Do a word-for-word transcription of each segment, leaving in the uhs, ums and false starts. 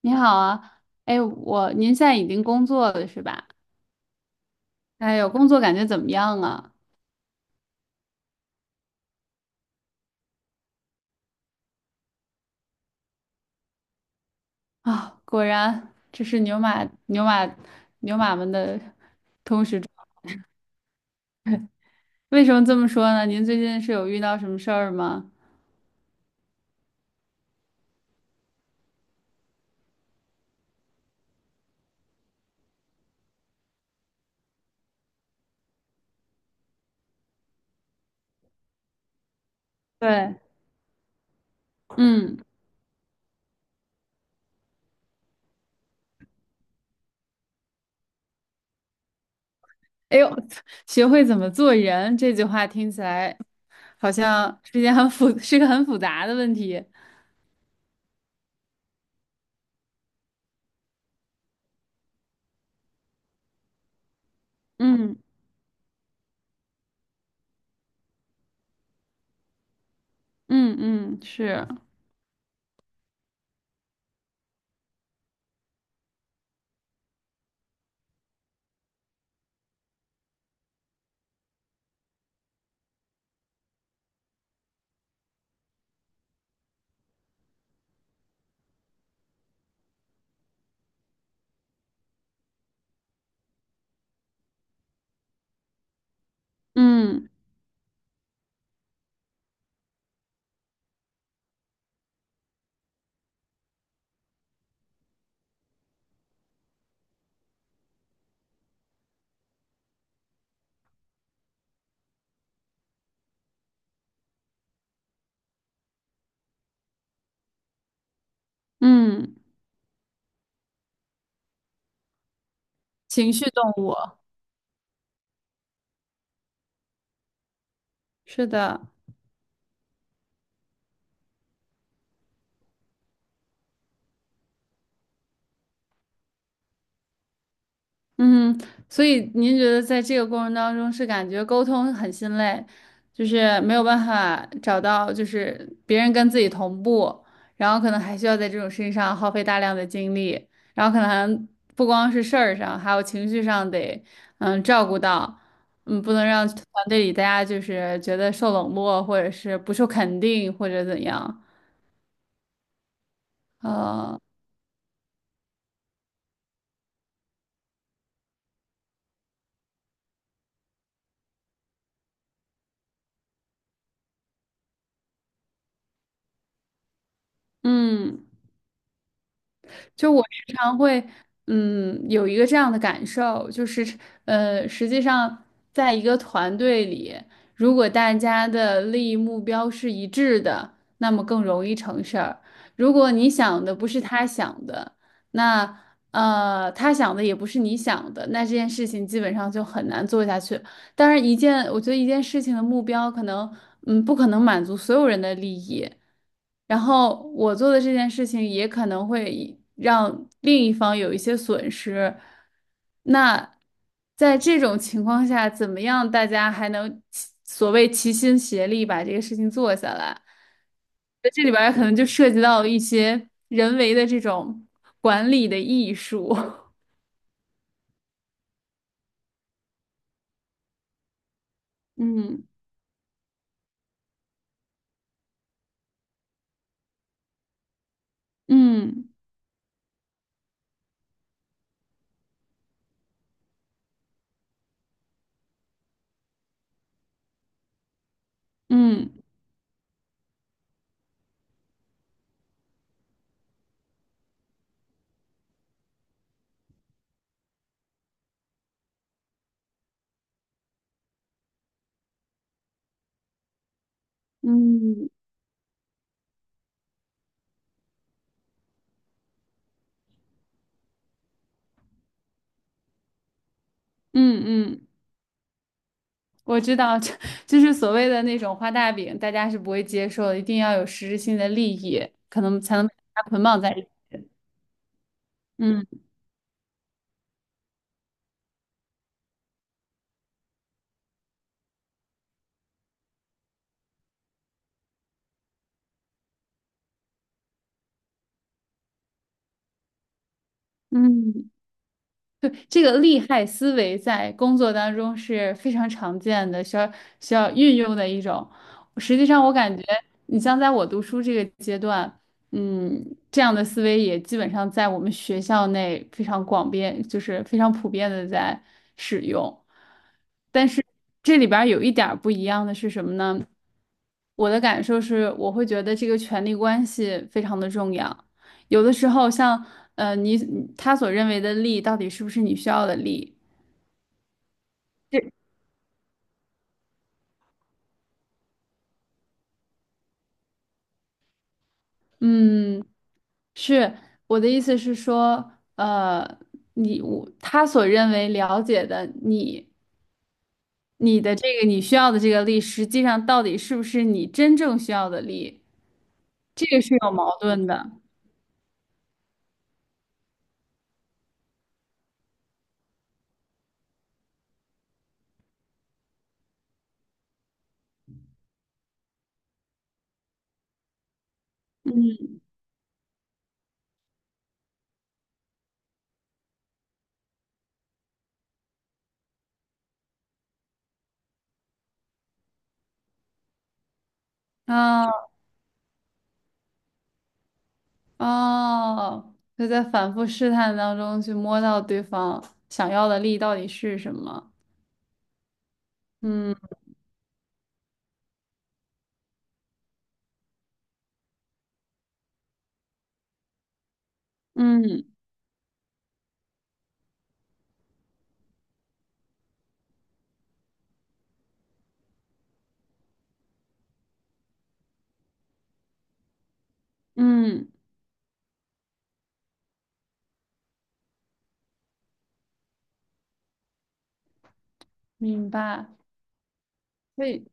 你好啊。哎，我您现在已经工作了是吧？哎呦，工作感觉怎么样啊？啊，果然这是牛马牛马牛马们的。为什么这么说呢？您最近是有遇到什么事儿吗？对。嗯。哎呦，学会怎么做人这句话听起来好像是一件很复，是个很复杂的问题。嗯嗯嗯是，嗯嗯，情绪动物，是的。嗯，所以您觉得在这个过程当中是感觉沟通很心累，就是没有办法找到就是别人跟自己同步，然后可能还需要在这种事情上耗费大量的精力，然后可能不光是事儿上，还有情绪上得嗯照顾到，嗯不能让团队里大家就是觉得受冷落或者是不受肯定或者怎样，呃嗯。就我时常会，嗯，有一个这样的感受，就是，呃，实际上，在一个团队里，如果大家的利益目标是一致的，那么更容易成事儿。如果你想的不是他想的，那呃，他想的也不是你想的，那这件事情基本上就很难做下去。当然，一件我觉得一件事情的目标可能，嗯，不可能满足所有人的利益。然后我做的这件事情也可能会让另一方有一些损失。那在这种情况下，怎么样大家还能齐所谓齐心协力把这个事情做下来？那这里边儿可能就涉及到一些人为的这种管理的艺术。嗯嗯嗯嗯嗯嗯嗯。我知道，就就是所谓的那种画大饼，大家是不会接受的，一定要有实质性的利益，可能才能把它捆绑在一起。嗯嗯，对，这个利害思维在工作当中是非常常见的，需要需要运用的一种。实际上，我感觉你像在我读书这个阶段，嗯，这样的思维也基本上在我们学校内非常广遍，就是非常普遍的在使用。但是这里边儿有一点儿不一样的是什么呢？我的感受是，我会觉得这个权力关系非常的重要。有的时候像，呃，你他所认为的利，到底是不是你需要的利？是。嗯，是，我的意思是说，呃，你我他所认为了解的你，你的这个你需要的这个利，实际上到底是不是你真正需要的利？这个是有矛盾的。嗯。啊。哦，就在反复试探当中去摸到对方想要的力到底是什么。嗯嗯嗯明白。所以，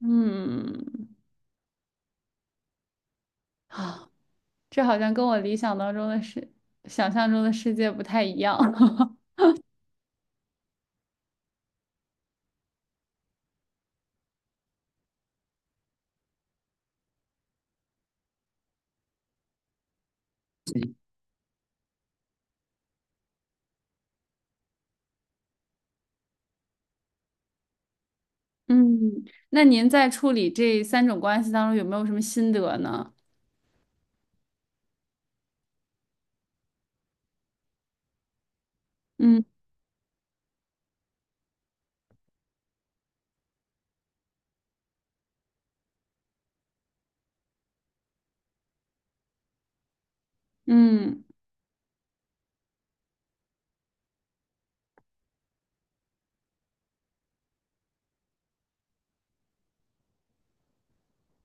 嗯，啊，这好像跟我理想当中的世，想象中的世界不太一样。嗯，那您在处理这三种关系当中有没有什么心得呢？嗯嗯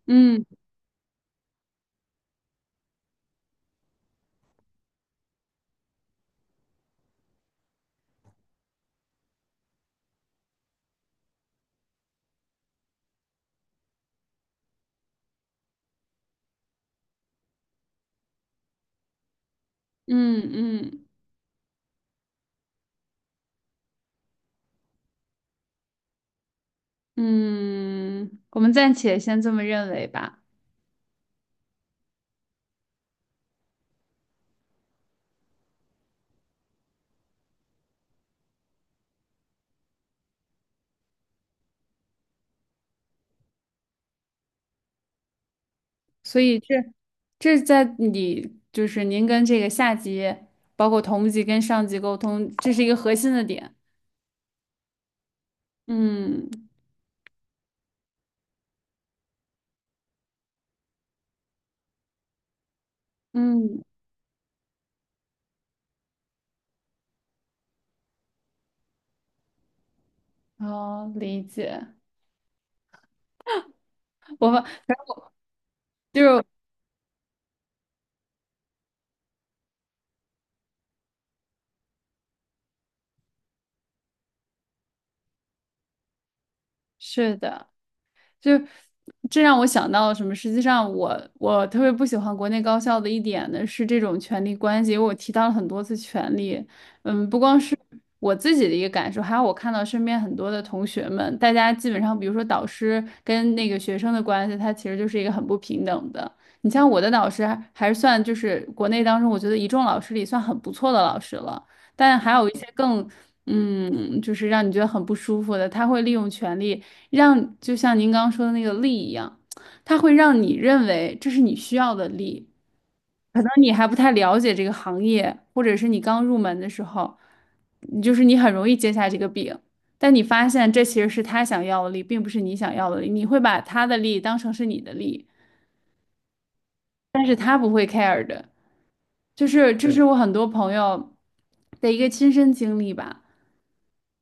嗯嗯嗯嗯，嗯我们暂且先这么认为吧。所以这这在你就是您跟这个下级，包括同级跟上级沟通，这是一个核心的点。嗯嗯，好理解。我们就是是的，就这让我想到什么？实际上我，我特别不喜欢国内高校的一点呢，是这种权力关系。因为我提到了很多次权力，嗯，不光是我自己的一个感受，还有我看到身边很多的同学们，大家基本上，比如说导师跟那个学生的关系，他其实就是一个很不平等的。你像我的导师还，还是算就是国内当中，我觉得一众老师里算很不错的老师了，但还有一些更，嗯，就是让你觉得很不舒服的，他会利用权力。让就像您刚刚说的那个力一样，它会让你认为这是你需要的力。可能你还不太了解这个行业，或者是你刚入门的时候，你就是你很容易接下这个饼，但你发现这其实是他想要的力，并不是你想要的力。你会把他的力当成是你的力，但是他不会 care 的。就是这是我很多朋友的一个亲身经历吧。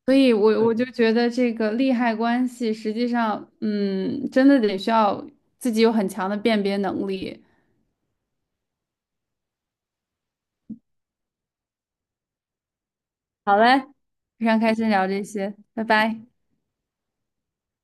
所以我，我就觉得这个利害关系，实际上，嗯，真的得需要自己有很强的辨别能力。好嘞，非常开心聊这些，拜拜。